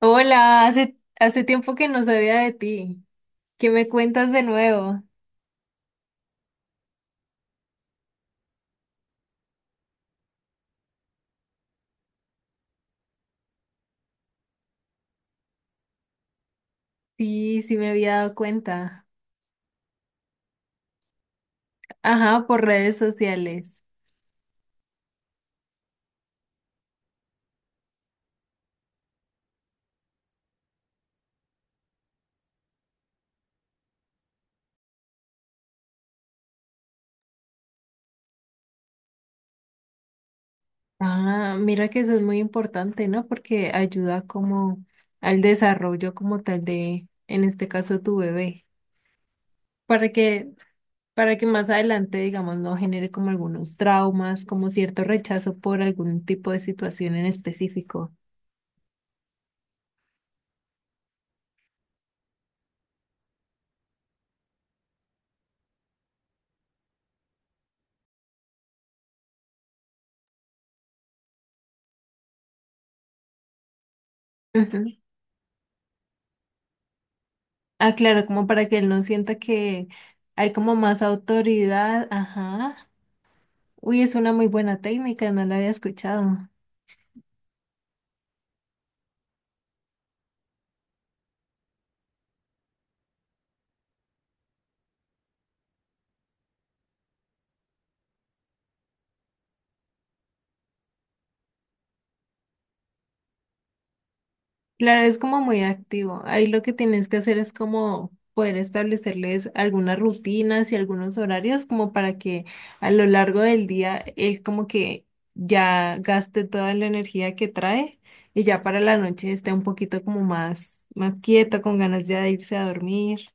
Hola, hace tiempo que no sabía de ti. ¿Qué me cuentas de nuevo? Sí, sí me había dado cuenta. Ajá, por redes sociales. Ah, mira que eso es muy importante, ¿no? Porque ayuda como al desarrollo como tal de, en este caso, tu bebé, para que, para que más adelante, digamos, no genere como algunos traumas, como cierto rechazo por algún tipo de situación en específico. Ah, claro, como para que él no sienta que hay como más autoridad. Ajá. Uy, es una muy buena técnica, no la había escuchado. Claro, es como muy activo. Ahí lo que tienes que hacer es como poder establecerles algunas rutinas y algunos horarios como para que a lo largo del día él como que ya gaste toda la energía que trae y ya para la noche esté un poquito como más quieto, con ganas ya de irse a dormir.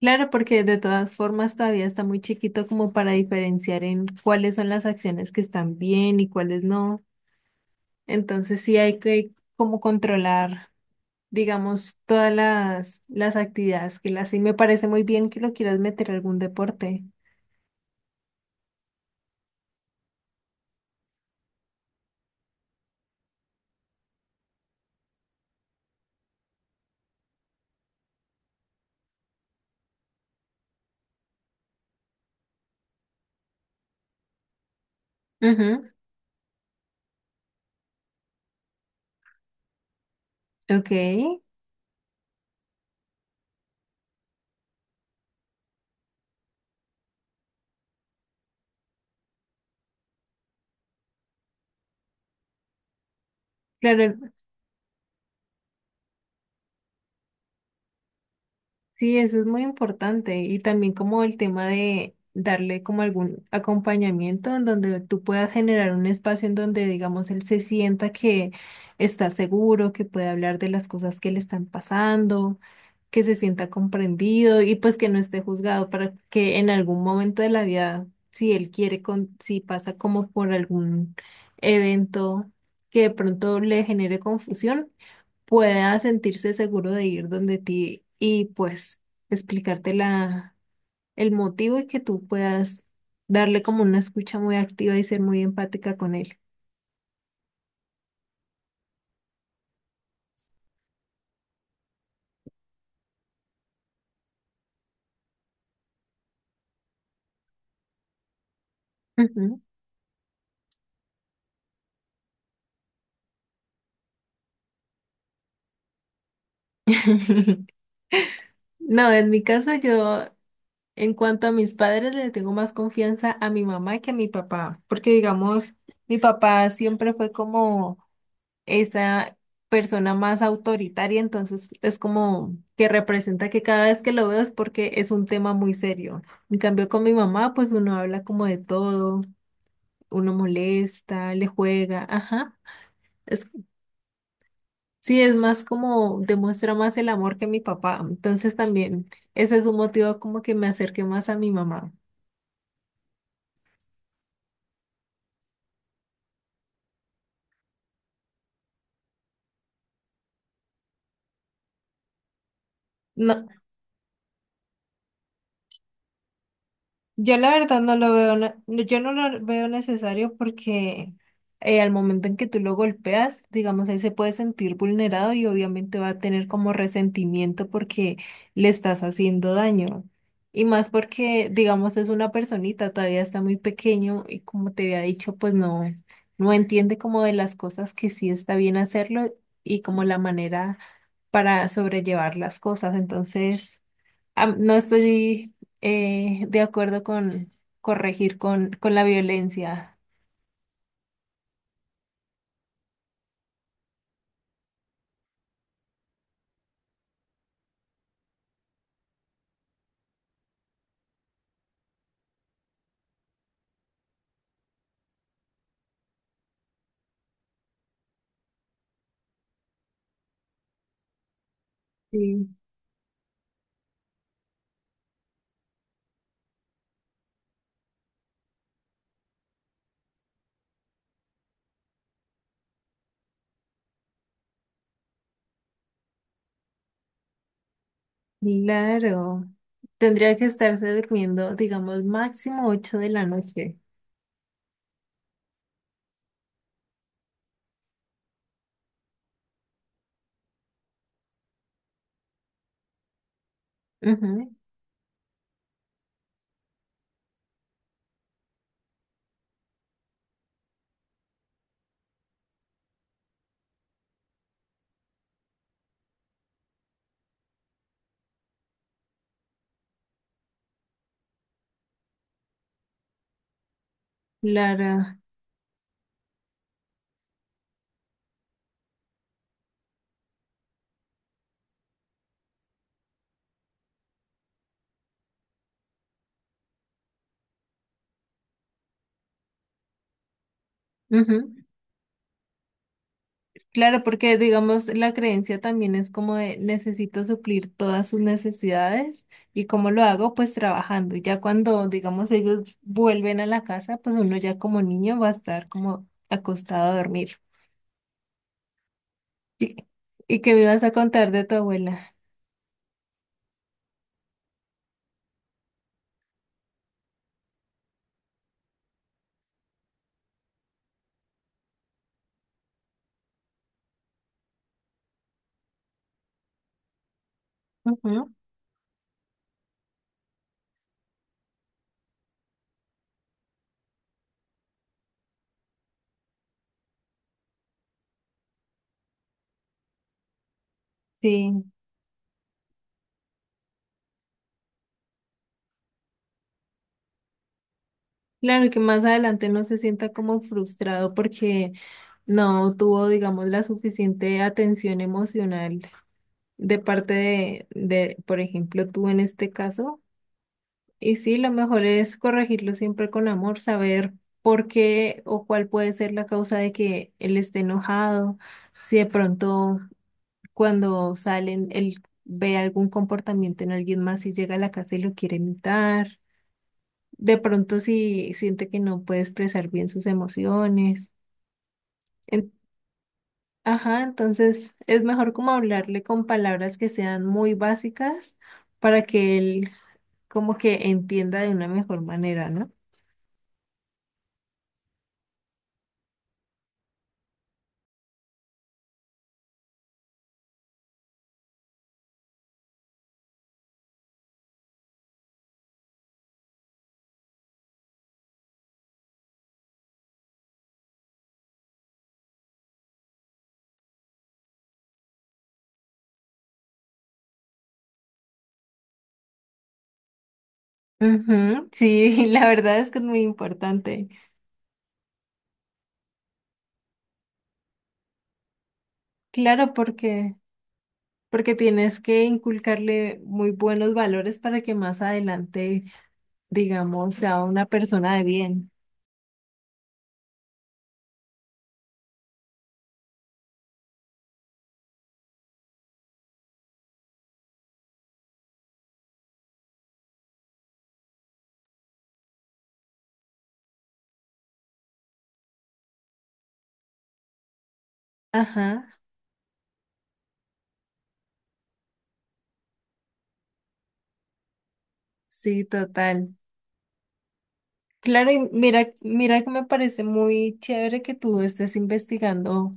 Claro, porque de todas formas todavía está muy chiquito como para diferenciar en cuáles son las acciones que están bien y cuáles no. Entonces sí hay que como controlar, digamos, todas las actividades que las sí me parece muy bien que lo quieras meter a algún deporte. Ujú. Ok. Claro. Sí, eso es muy importante y también como el tema de darle como algún acompañamiento en donde tú puedas generar un espacio en donde, digamos, él se sienta que está seguro, que puede hablar de las cosas que le están pasando, que se sienta comprendido y pues que no esté juzgado para que en algún momento de la vida, si él quiere, con, si pasa como por algún evento que de pronto le genere confusión pueda sentirse seguro de ir donde ti y pues explicarte la, el motivo y que tú puedas darle como una escucha muy activa y ser muy empática con él. Ujú. No, en mi caso yo, en cuanto a mis padres, le tengo más confianza a mi mamá que a mi papá, porque digamos, mi papá siempre fue como esa persona más autoritaria, entonces es como que representa que cada vez que lo veo es porque es un tema muy serio. En cambio, con mi mamá, pues uno habla como de todo, uno molesta, le juega, ajá. Es, sí, es más como demuestra más el amor que mi papá. Entonces también ese es un motivo como que me acerqué más a mi mamá. No, yo la verdad no lo veo, yo no lo veo necesario porque al momento en que tú lo golpeas, digamos, él se puede sentir vulnerado y obviamente va a tener como resentimiento porque le estás haciendo daño. Y más porque, digamos, es una personita, todavía está muy pequeño y como te había dicho, pues no, no entiende como de las cosas que sí está bien hacerlo y como la manera para sobrellevar las cosas. Entonces, no estoy de acuerdo con corregir con la violencia. Sí, claro. Tendría que estarse durmiendo, digamos, máximo 8 de la noche. Ujú. Claro. Ujú. Claro, porque digamos la creencia también es como de necesito suplir todas sus necesidades y cómo lo hago, pues trabajando. Y ya cuando digamos ellos vuelven a la casa, pues uno ya como niño va a estar como acostado a dormir. ¿Y, y qué me ibas a contar de tu abuela? Ujú. Sí, claro que más adelante no se sienta como frustrado porque no tuvo digamos la suficiente atención emocional de parte de por ejemplo, tú en este caso. Y sí, lo mejor es corregirlo siempre con amor, saber por qué o cuál puede ser la causa de que él esté enojado, si de pronto cuando salen él ve algún comportamiento en alguien más y llega a la casa y lo quiere imitar, de pronto si siente que no puede expresar bien sus emociones. En- ajá, entonces es mejor como hablarle con palabras que sean muy básicas para que él como que entienda de una mejor manera, ¿no? Ujú. Sí, la verdad es que es muy importante. Claro, porque tienes que inculcarle muy buenos valores para que más adelante, digamos, sea una persona de bien. Ajá, sí, total. Claro, y mira que me parece muy chévere que tú estés investigando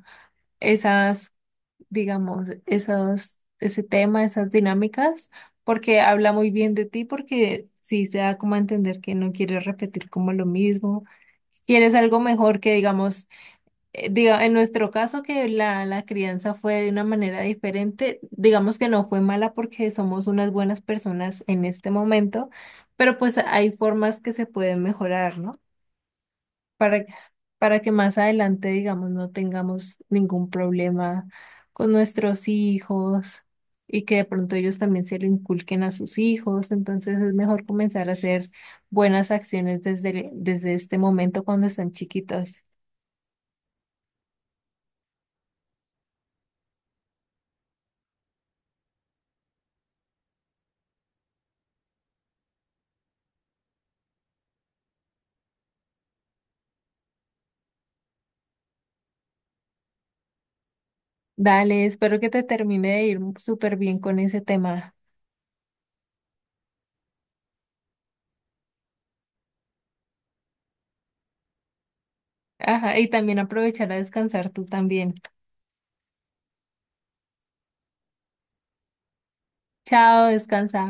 esas digamos, esos, ese tema, esas dinámicas, porque habla muy bien de ti, porque sí se da como a entender que no quieres repetir como lo mismo, quieres algo mejor que, digamos, diga, en nuestro caso que la crianza fue de una manera diferente, digamos que no fue mala porque somos unas buenas personas en este momento, pero pues hay formas que se pueden mejorar, ¿no? para, para que más adelante, digamos, no tengamos ningún problema con nuestros hijos y que de pronto ellos también se lo inculquen a sus hijos. Entonces es mejor comenzar a hacer buenas acciones desde este momento cuando están chiquitas. Dale, espero que te termine de ir súper bien con ese tema. Ajá, y también aprovechar a descansar tú también. Chao, descansa.